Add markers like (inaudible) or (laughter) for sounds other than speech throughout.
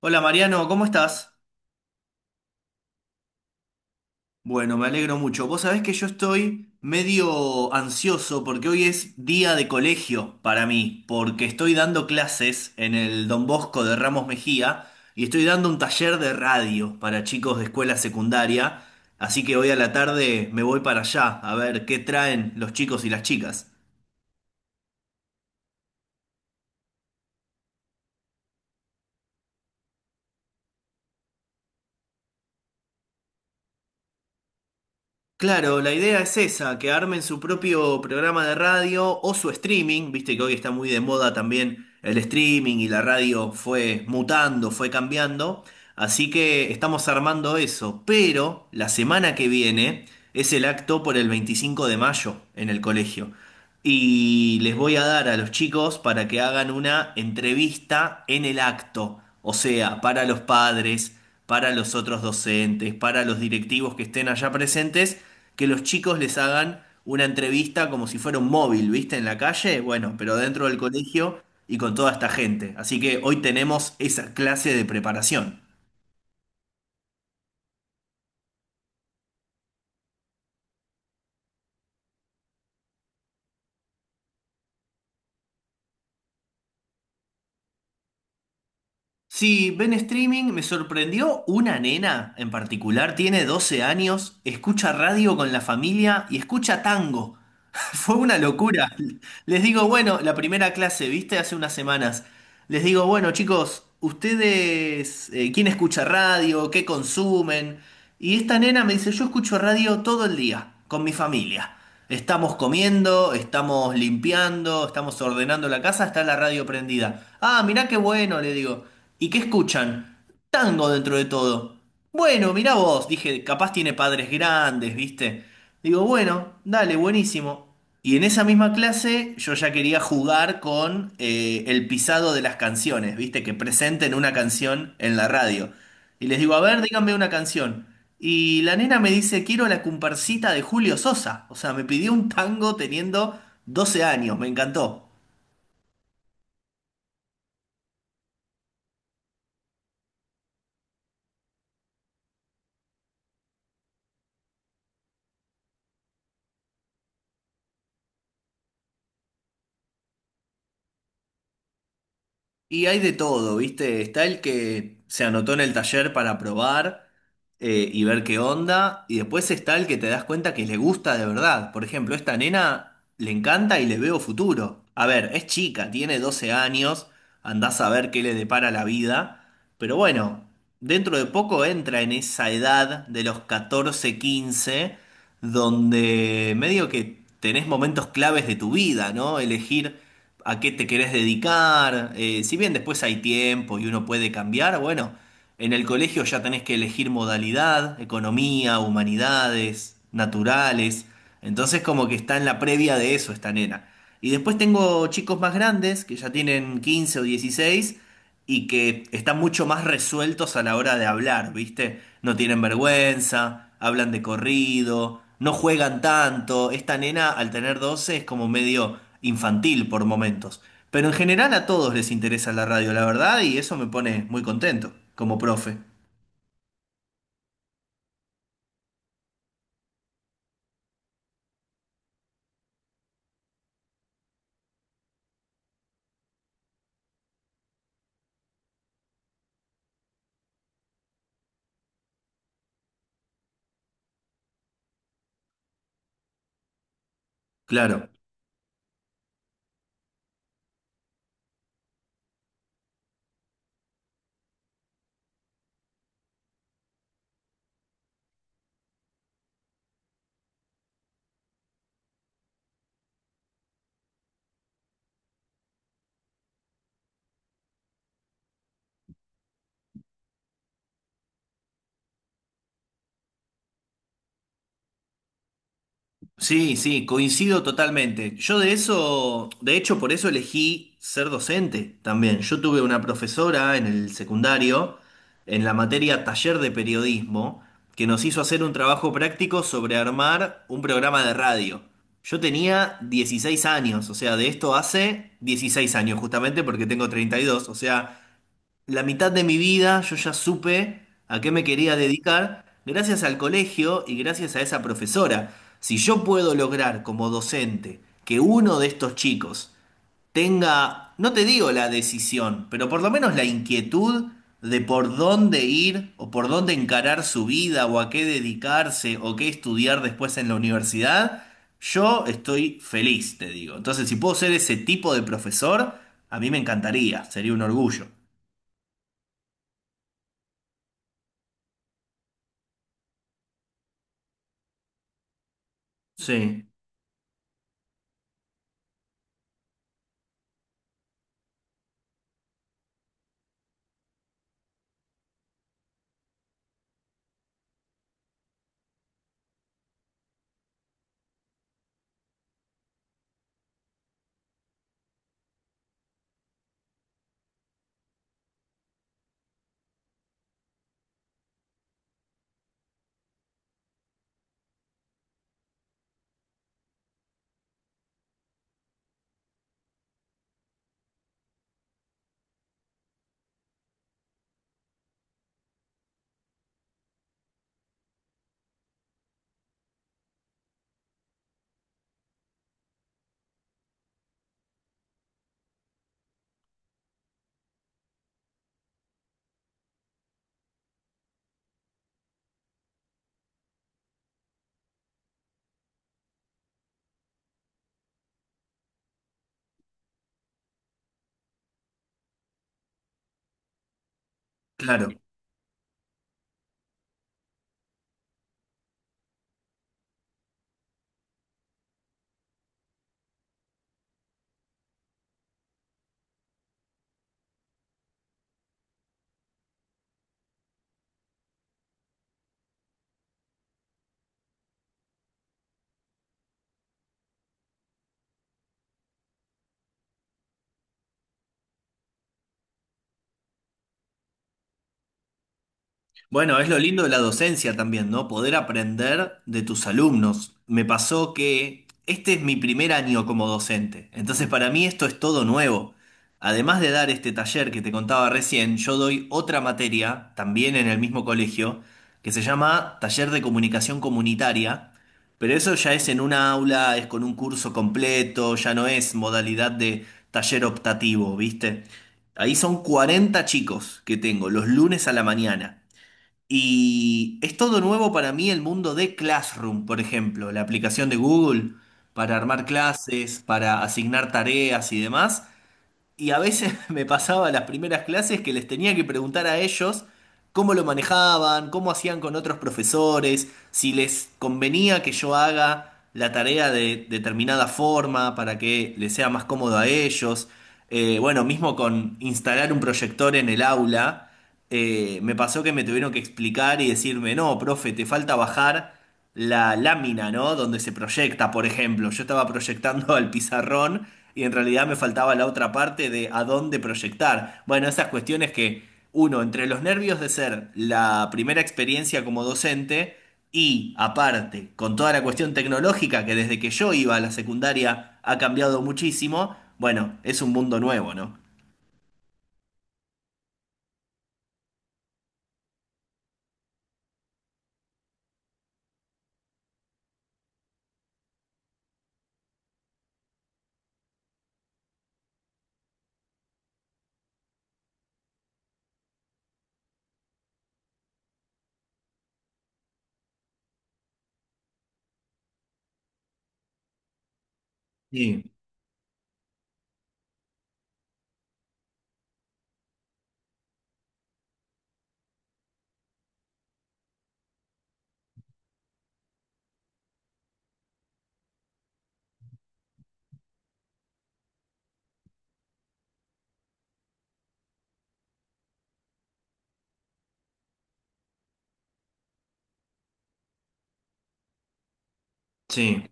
Hola Mariano, ¿cómo estás? Bueno, me alegro mucho. Vos sabés que yo estoy medio ansioso porque hoy es día de colegio para mí, porque estoy dando clases en el Don Bosco de Ramos Mejía y estoy dando un taller de radio para chicos de escuela secundaria, así que hoy a la tarde me voy para allá a ver qué traen los chicos y las chicas. Claro, la idea es esa, que armen su propio programa de radio o su streaming, viste que hoy está muy de moda también el streaming y la radio fue mutando, fue cambiando, así que estamos armando eso, pero la semana que viene es el acto por el 25 de mayo en el colegio. Y les voy a dar a los chicos para que hagan una entrevista en el acto, o sea, para los padres, para los otros docentes, para los directivos que estén allá presentes, que los chicos les hagan una entrevista como si fuera un móvil, ¿viste? En la calle, bueno, pero dentro del colegio y con toda esta gente. Así que hoy tenemos esa clase de preparación. Sí, ven streaming, me sorprendió una nena en particular, tiene 12 años, escucha radio con la familia y escucha tango. (laughs) Fue una locura. Les digo, bueno, la primera clase, viste, hace unas semanas. Les digo, bueno, chicos, ustedes, ¿quién escucha radio? ¿Qué consumen? Y esta nena me dice, yo escucho radio todo el día, con mi familia. Estamos comiendo, estamos limpiando, estamos ordenando la casa, está la radio prendida. Ah, mirá qué bueno, le digo. ¿Y qué escuchan? Tango dentro de todo. Bueno, mirá vos, dije, capaz tiene padres grandes, ¿viste? Digo, bueno, dale, buenísimo. Y en esa misma clase yo ya quería jugar con el pisado de las canciones, ¿viste? Que presenten una canción en la radio. Y les digo, a ver, díganme una canción. Y la nena me dice, quiero la comparsita de Julio Sosa. O sea, me pidió un tango teniendo 12 años, me encantó. Y hay de todo, ¿viste? Está el que se anotó en el taller para probar y ver qué onda. Y después está el que te das cuenta que le gusta de verdad. Por ejemplo, esta nena le encanta y le veo futuro. A ver, es chica, tiene 12 años, andás a ver qué le depara la vida. Pero bueno, dentro de poco entra en esa edad de los 14, 15 donde medio que tenés momentos claves de tu vida, ¿no? Elegir a qué te querés dedicar. Si bien después hay tiempo y uno puede cambiar, bueno, en el colegio ya tenés que elegir modalidad, economía, humanidades, naturales. Entonces como que está en la previa de eso esta nena. Y después tengo chicos más grandes que ya tienen 15 o 16 y que están mucho más resueltos a la hora de hablar, ¿viste? No tienen vergüenza, hablan de corrido, no juegan tanto. Esta nena, al tener 12 es como medio infantil por momentos. Pero en general a todos les interesa la radio, la verdad, y eso me pone muy contento, como profe. Claro. Sí, sí, coincido totalmente. Yo de eso, de hecho, por eso elegí ser docente también. Yo tuve una profesora en el secundario, en la materia taller de periodismo, que nos hizo hacer un trabajo práctico sobre armar un programa de radio. Yo tenía 16 años, o sea, de esto hace 16 años, justamente porque tengo 32, o sea, la mitad de mi vida yo ya supe a qué me quería dedicar gracias al colegio y gracias a esa profesora. Si yo puedo lograr como docente que uno de estos chicos tenga, no te digo la decisión, pero por lo menos la inquietud de por dónde ir o por dónde encarar su vida o a qué dedicarse o qué estudiar después en la universidad, yo estoy feliz, te digo. Entonces, si puedo ser ese tipo de profesor, a mí me encantaría, sería un orgullo. Sí. Claro. Bueno, es lo lindo de la docencia también, ¿no? Poder aprender de tus alumnos. Me pasó que este es mi primer año como docente, entonces para mí esto es todo nuevo. Además de dar este taller que te contaba recién, yo doy otra materia, también en el mismo colegio, que se llama Taller de Comunicación Comunitaria, pero eso ya es en una aula, es con un curso completo, ya no es modalidad de taller optativo, ¿viste? Ahí son 40 chicos que tengo los lunes a la mañana. Y es todo nuevo para mí el mundo de Classroom, por ejemplo, la aplicación de Google para armar clases, para asignar tareas y demás. Y a veces (laughs) me pasaba las primeras clases que les tenía que preguntar a ellos cómo lo manejaban, cómo hacían con otros profesores, si les convenía que yo haga la tarea de determinada forma para que les sea más cómodo a ellos. Bueno, mismo con instalar un proyector en el aula, me pasó que me tuvieron que explicar y decirme, no, profe, te falta bajar la lámina, ¿no? Donde se proyecta, por ejemplo. Yo estaba proyectando (laughs) al pizarrón y en realidad me faltaba la otra parte de a dónde proyectar. Bueno, esas cuestiones que uno, entre los nervios de ser la primera experiencia como docente y aparte, con toda la cuestión tecnológica que desde que yo iba a la secundaria ha cambiado muchísimo, bueno, es un mundo nuevo, ¿no? Sí, sí.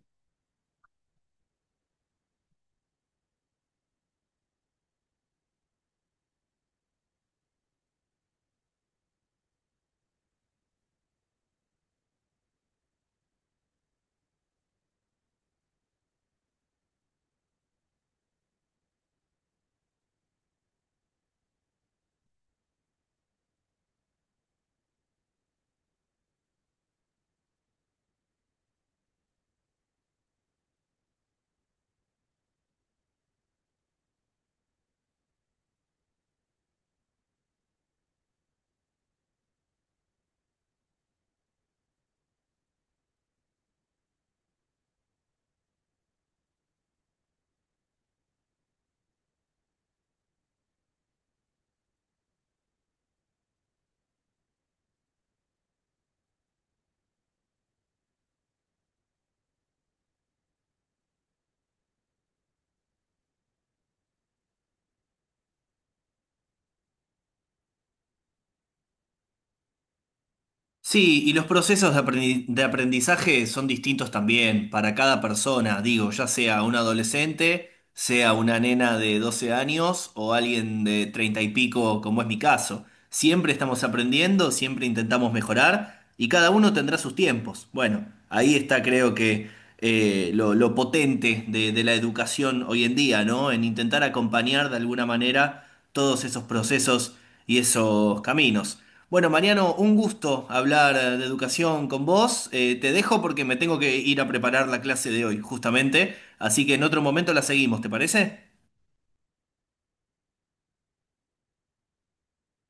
Sí, y los procesos de de aprendizaje son distintos también para cada persona, digo, ya sea un adolescente, sea una nena de 12 años o alguien de 30 y pico, como es mi caso. Siempre estamos aprendiendo, siempre intentamos mejorar y cada uno tendrá sus tiempos. Bueno, ahí está creo que lo potente de la educación hoy en día, ¿no? En intentar acompañar de alguna manera todos esos procesos y esos caminos. Bueno, Mariano, un gusto hablar de educación con vos. Te dejo porque me tengo que ir a preparar la clase de hoy, justamente. Así que en otro momento la seguimos, ¿te parece?